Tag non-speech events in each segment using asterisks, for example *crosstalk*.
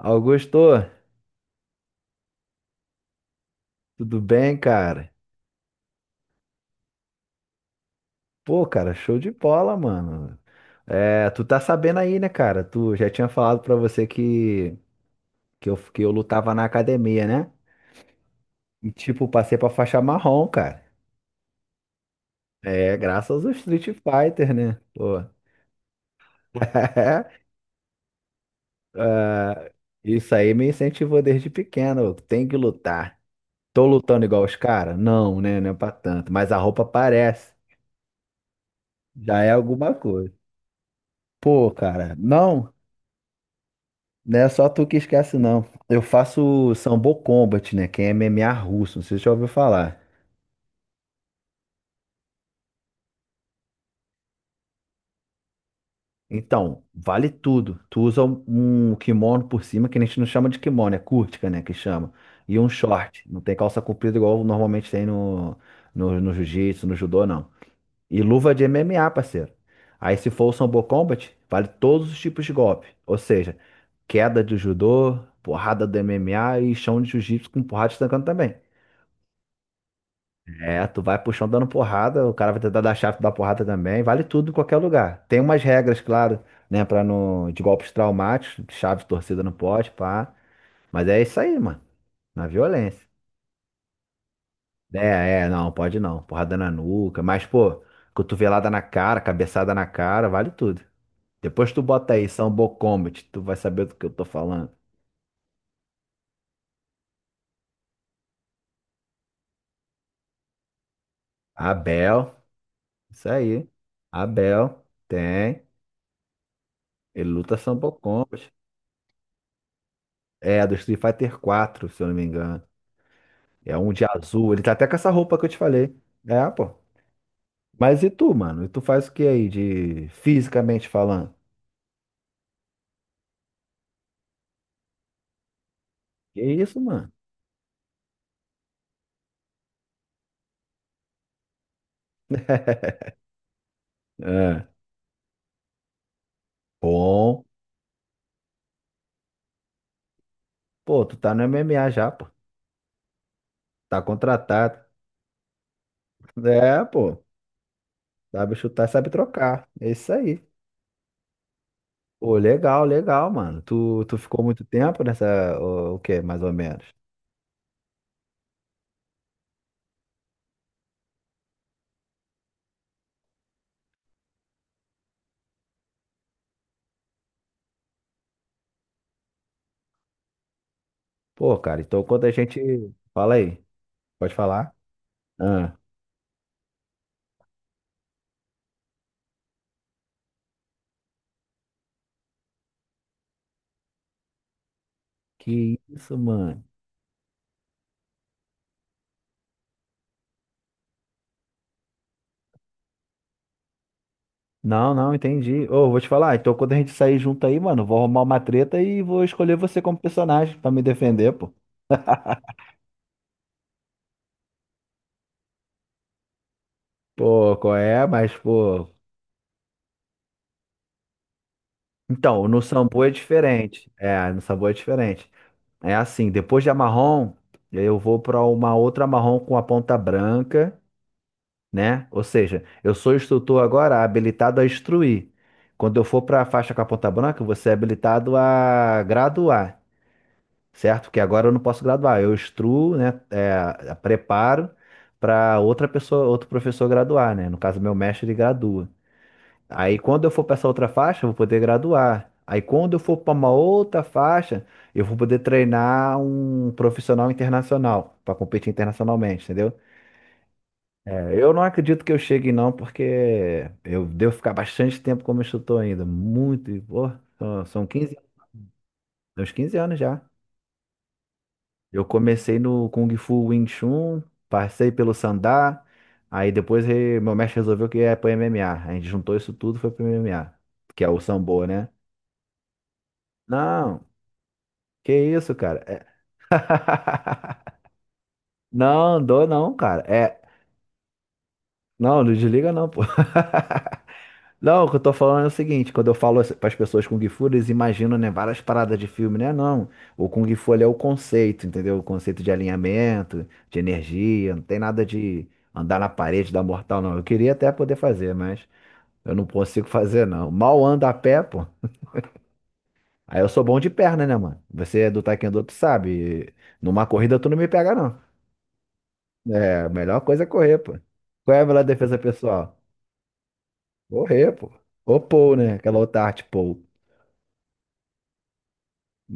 Augusto, tudo bem, cara? Pô, cara, show de bola, mano. É, tu tá sabendo aí, né, cara? Tu já tinha falado pra você que eu lutava na academia, né? E, tipo, passei pra faixa marrom, cara. É, graças ao Street Fighter, né? Pô. *laughs* Ah, isso aí me incentivou desde pequeno. Tem que lutar. Tô lutando igual os caras? Não, né? Não é pra tanto. Mas a roupa parece. Já é alguma coisa. Pô, cara, não. Não é só tu que esquece, não. Eu faço Sambo Combat, né? Que é MMA russo, não sei se você já ouviu falar. Então, vale tudo. Tu usa um kimono por cima, que a gente não chama de kimono, é curtica, né? Que chama. E um short. Não tem calça comprida igual normalmente tem no, no jiu-jitsu, no judô, não. E luva de MMA, parceiro. Aí, se for o Sambo Combat, vale todos os tipos de golpe. Ou seja, queda de judô, porrada do MMA e chão de jiu-jitsu com porrada estancando também. É, tu vai pro chão dando porrada, o cara vai tentar dar chave, tu dá porrada também, vale tudo em qualquer lugar. Tem umas regras, claro, né, pra não, de golpes traumáticos, chave torcida não pode, pá. Mas é isso aí, mano, na violência. É, não, pode não, porrada na nuca, mas, pô, cotovelada na cara, cabeçada na cara, vale tudo. Depois tu bota aí, Sambo Combat, tu vai saber do que eu tô falando. Abel, isso aí, Abel, tem, ele luta Sambo Combat. É, do Street Fighter 4, se eu não me engano. É um de azul. Ele tá até com essa roupa que eu te falei. É, pô. Mas e tu, mano? E tu faz o que aí de fisicamente falando? Que isso, mano? *laughs* É. Bom. Pô, tu tá no MMA já, pô. Tá contratado. É, pô. Sabe chutar, sabe trocar. É isso aí. Pô, legal, legal, mano. Tu ficou muito tempo nessa. O quê, mais ou menos? Pô, cara, então quando a gente. Fala aí. Pode falar? Ah, que isso, mano? Não, não, entendi. Ô, vou te falar, então quando a gente sair junto aí, mano, vou arrumar uma treta e vou escolher você como personagem pra me defender, pô. Pô, qual é? Mas, pô. Então, no Sambo é diferente. É, no Sambo é diferente. É assim, depois de Amarrom, eu vou pra uma outra Amarrom com a ponta branca, né? Ou seja, eu sou instrutor agora habilitado a instruir. Quando eu for pra faixa com a ponta branca, você é habilitado a graduar. Certo? Porque agora eu não posso graduar, eu instruo, né, é, preparo para outra pessoa, outro professor graduar, né? No caso, meu mestre ele gradua. Aí quando eu for para essa outra faixa, eu vou poder graduar. Aí quando eu for para uma outra faixa, eu vou poder treinar um profissional internacional para competir internacionalmente, entendeu? É, eu não acredito que eu chegue não, porque eu devo ficar bastante tempo como instrutor ainda, muito, pô, são 15 uns 15 anos já. Eu comecei no Kung Fu Wing Chun, passei pelo Sandá, aí depois meu mestre resolveu que ia pro MMA. A gente juntou isso tudo e foi pro MMA, que é o Sambo, né? Não, que isso, cara. *laughs* Não, dou não, cara. É, não, não desliga não, pô. *laughs* Não, o que eu tô falando é o seguinte, quando eu falo para as pessoas Kung Fu, eles imaginam, né, várias paradas de filme, né? Não, o Kung Fu ele é o conceito, entendeu? O conceito de alinhamento, de energia, não tem nada de andar na parede, dar mortal, não. Eu queria até poder fazer, mas eu não consigo fazer, não. Mal ando a pé, pô. Aí eu sou bom de perna, né, mano? Você é do Taekwondo, tu sabe. Numa corrida tu não me pega, não. É, a melhor coisa é correr, pô. Qual é a melhor defesa pessoal? Correr, pô. Ou pole, né? Aquela outra arte pole.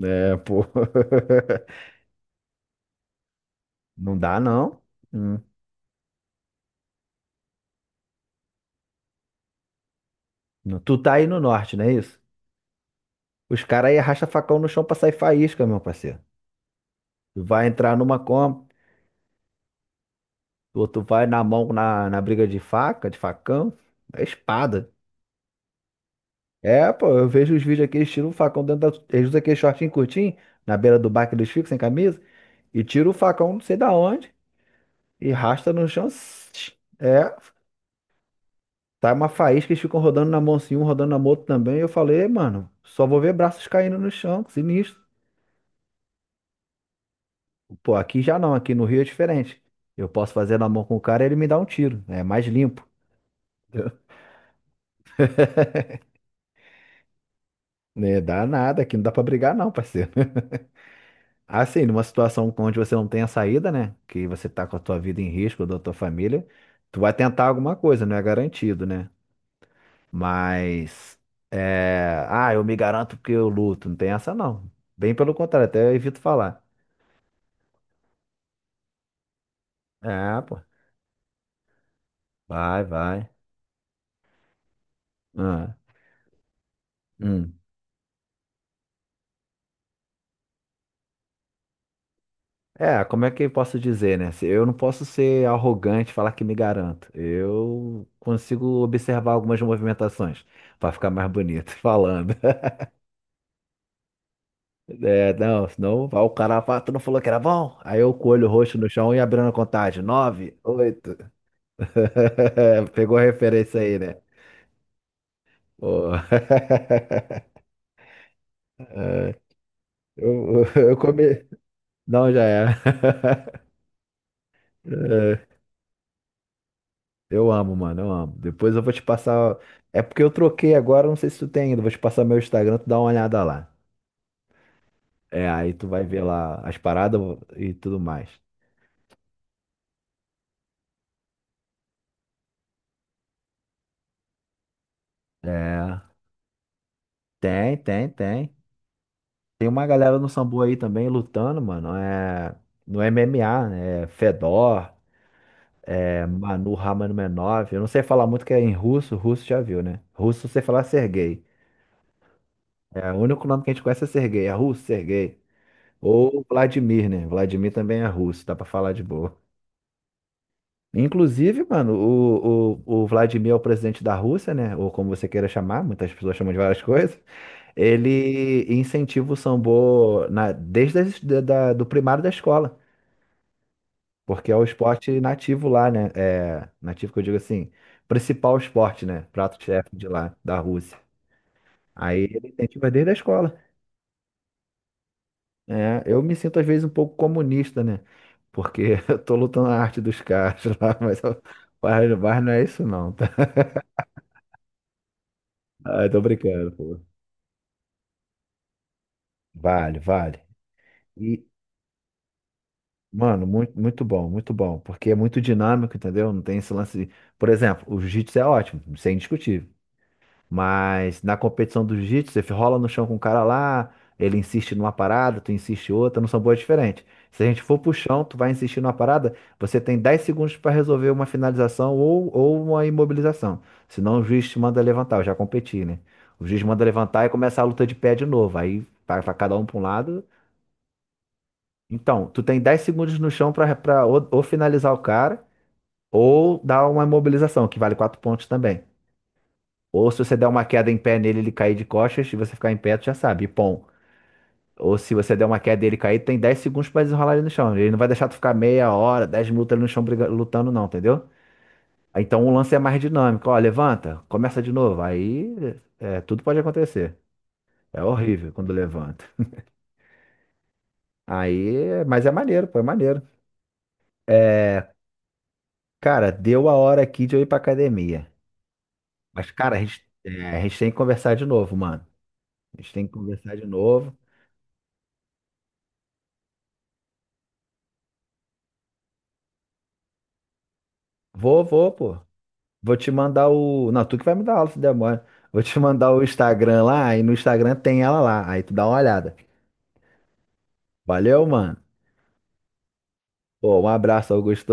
É, pô. *laughs* Não dá, não. Hum. Tu tá aí no norte, não é isso? Os caras aí arrasta facão no chão pra sair faísca, meu parceiro. Tu vai entrar numa Kombi, ou tu vai na mão na, briga de faca, de facão, é espada. É, pô, eu vejo os vídeos aqui, eles tiram o facão dentro da. Eles usam aquele shortinho curtinho, na beira do bar que eles ficam, sem camisa, e tira o facão não sei da onde, e arrasta no chão. *tsk* É. Tá uma faísca, eles ficam rodando na mão assim, um rodando na mão outro também. Eu falei, "Ei, mano, só vou ver braços caindo no chão, que sinistro." Pô, aqui já não, aqui no Rio é diferente. Eu posso fazer na mão com o cara e ele me dá um tiro. É mais limpo. *laughs* Né, dá nada, aqui não dá pra brigar não, parceiro. *laughs* Assim, numa situação onde você não tem a saída, né? Que você tá com a tua vida em risco, da tua família, tu vai tentar alguma coisa, não é garantido, né? Mas, ah, eu me garanto porque eu luto, não tem essa não. Bem pelo contrário, até eu evito falar. É, pô. Vai, vai. Ah, hum. É, como é que eu posso dizer, né? Eu não posso ser arrogante e falar que me garanto. Eu consigo observar algumas movimentações pra ficar mais bonito *laughs* falando. É, não, senão vai o cara fala, tu não falou que era bom? Aí eu com o olho roxo no chão e abrindo a contagem. Nove, oito. *laughs* Pegou a referência aí, né? Pô. *laughs* É, eu comi. Não, já é. *laughs* Eu amo, mano, eu amo. Depois eu vou te passar. É porque eu troquei agora, não sei se tu tem ainda. Vou te passar meu Instagram, tu dá uma olhada lá. É, aí tu vai ver lá as paradas e tudo mais. É, tem, tem, tem. Tem uma galera no Sambo aí também lutando, mano. É, no MMA, né? É Fedor, é Manu Ramanov. Eu não sei falar muito que é em russo, russo já viu, né? Russo você falar Sergei. É, o único nome que a gente conhece é Sergei, é russo, Sergei. Ou Vladimir, né? Vladimir também é russo, dá pra falar de boa. Inclusive, mano, o Vladimir é o presidente da Rússia, né? Ou como você queira chamar, muitas pessoas chamam de várias *laughs* coisas. Ele incentiva o sambô na, desde as, da, da- do primário da escola, porque é o esporte nativo lá, né? É, nativo que eu digo assim, principal esporte, né? Prato-chefe de lá, da Rússia. Aí ele incentiva desde a escola. É, eu me sinto às vezes um pouco comunista, né? Porque *laughs* eu tô lutando a arte dos caras *laughs* lá, mas, mas não é isso não, tá? Ah, eu tô brincando, pô. Vale, vale. E, mano, muito, muito bom, muito bom. Porque é muito dinâmico, entendeu? Não tem esse lance de... Por exemplo, o jiu-jitsu é ótimo, isso é indiscutível. Mas na competição do jiu-jitsu, você rola no chão com o cara lá, ele insiste numa parada, tu insiste outra, não são boas diferentes. Se a gente for pro chão, tu vai insistir numa parada, você tem 10 segundos para resolver uma finalização ou uma imobilização. Senão o juiz te manda levantar, eu já competi, né? O juiz manda levantar e começa a luta de pé de novo. Aí vai pra cada um pra um lado. Então, tu tem 10 segundos no chão pra, pra ou finalizar o cara, ou dar uma imobilização, que vale 4 pontos também. Ou se você der uma queda em pé nele, ele cair de costas, e você ficar em pé, tu já sabe, e pom. Ou se você der uma queda e ele cair, tem 10 segundos pra desenrolar ele no chão. Ele não vai deixar tu ficar meia hora, 10 minutos ali no chão lutando, não, entendeu? Então o lance é mais dinâmico. Ó, levanta, começa de novo. Aí tudo pode acontecer. É horrível quando levanta. *laughs* Aí, mas é maneiro, pô, é maneiro. É, cara, deu a hora aqui de eu ir pra academia. Mas, cara, a gente tem que conversar de novo, mano. A gente tem que conversar de novo. Vou, vou, pô. Vou te mandar o. Não, tu que vai me dar aula, se demora. Vou te mandar o Instagram lá, e no Instagram tem ela lá. Aí tu dá uma olhada. Valeu, mano. Pô, um abraço, Augusto.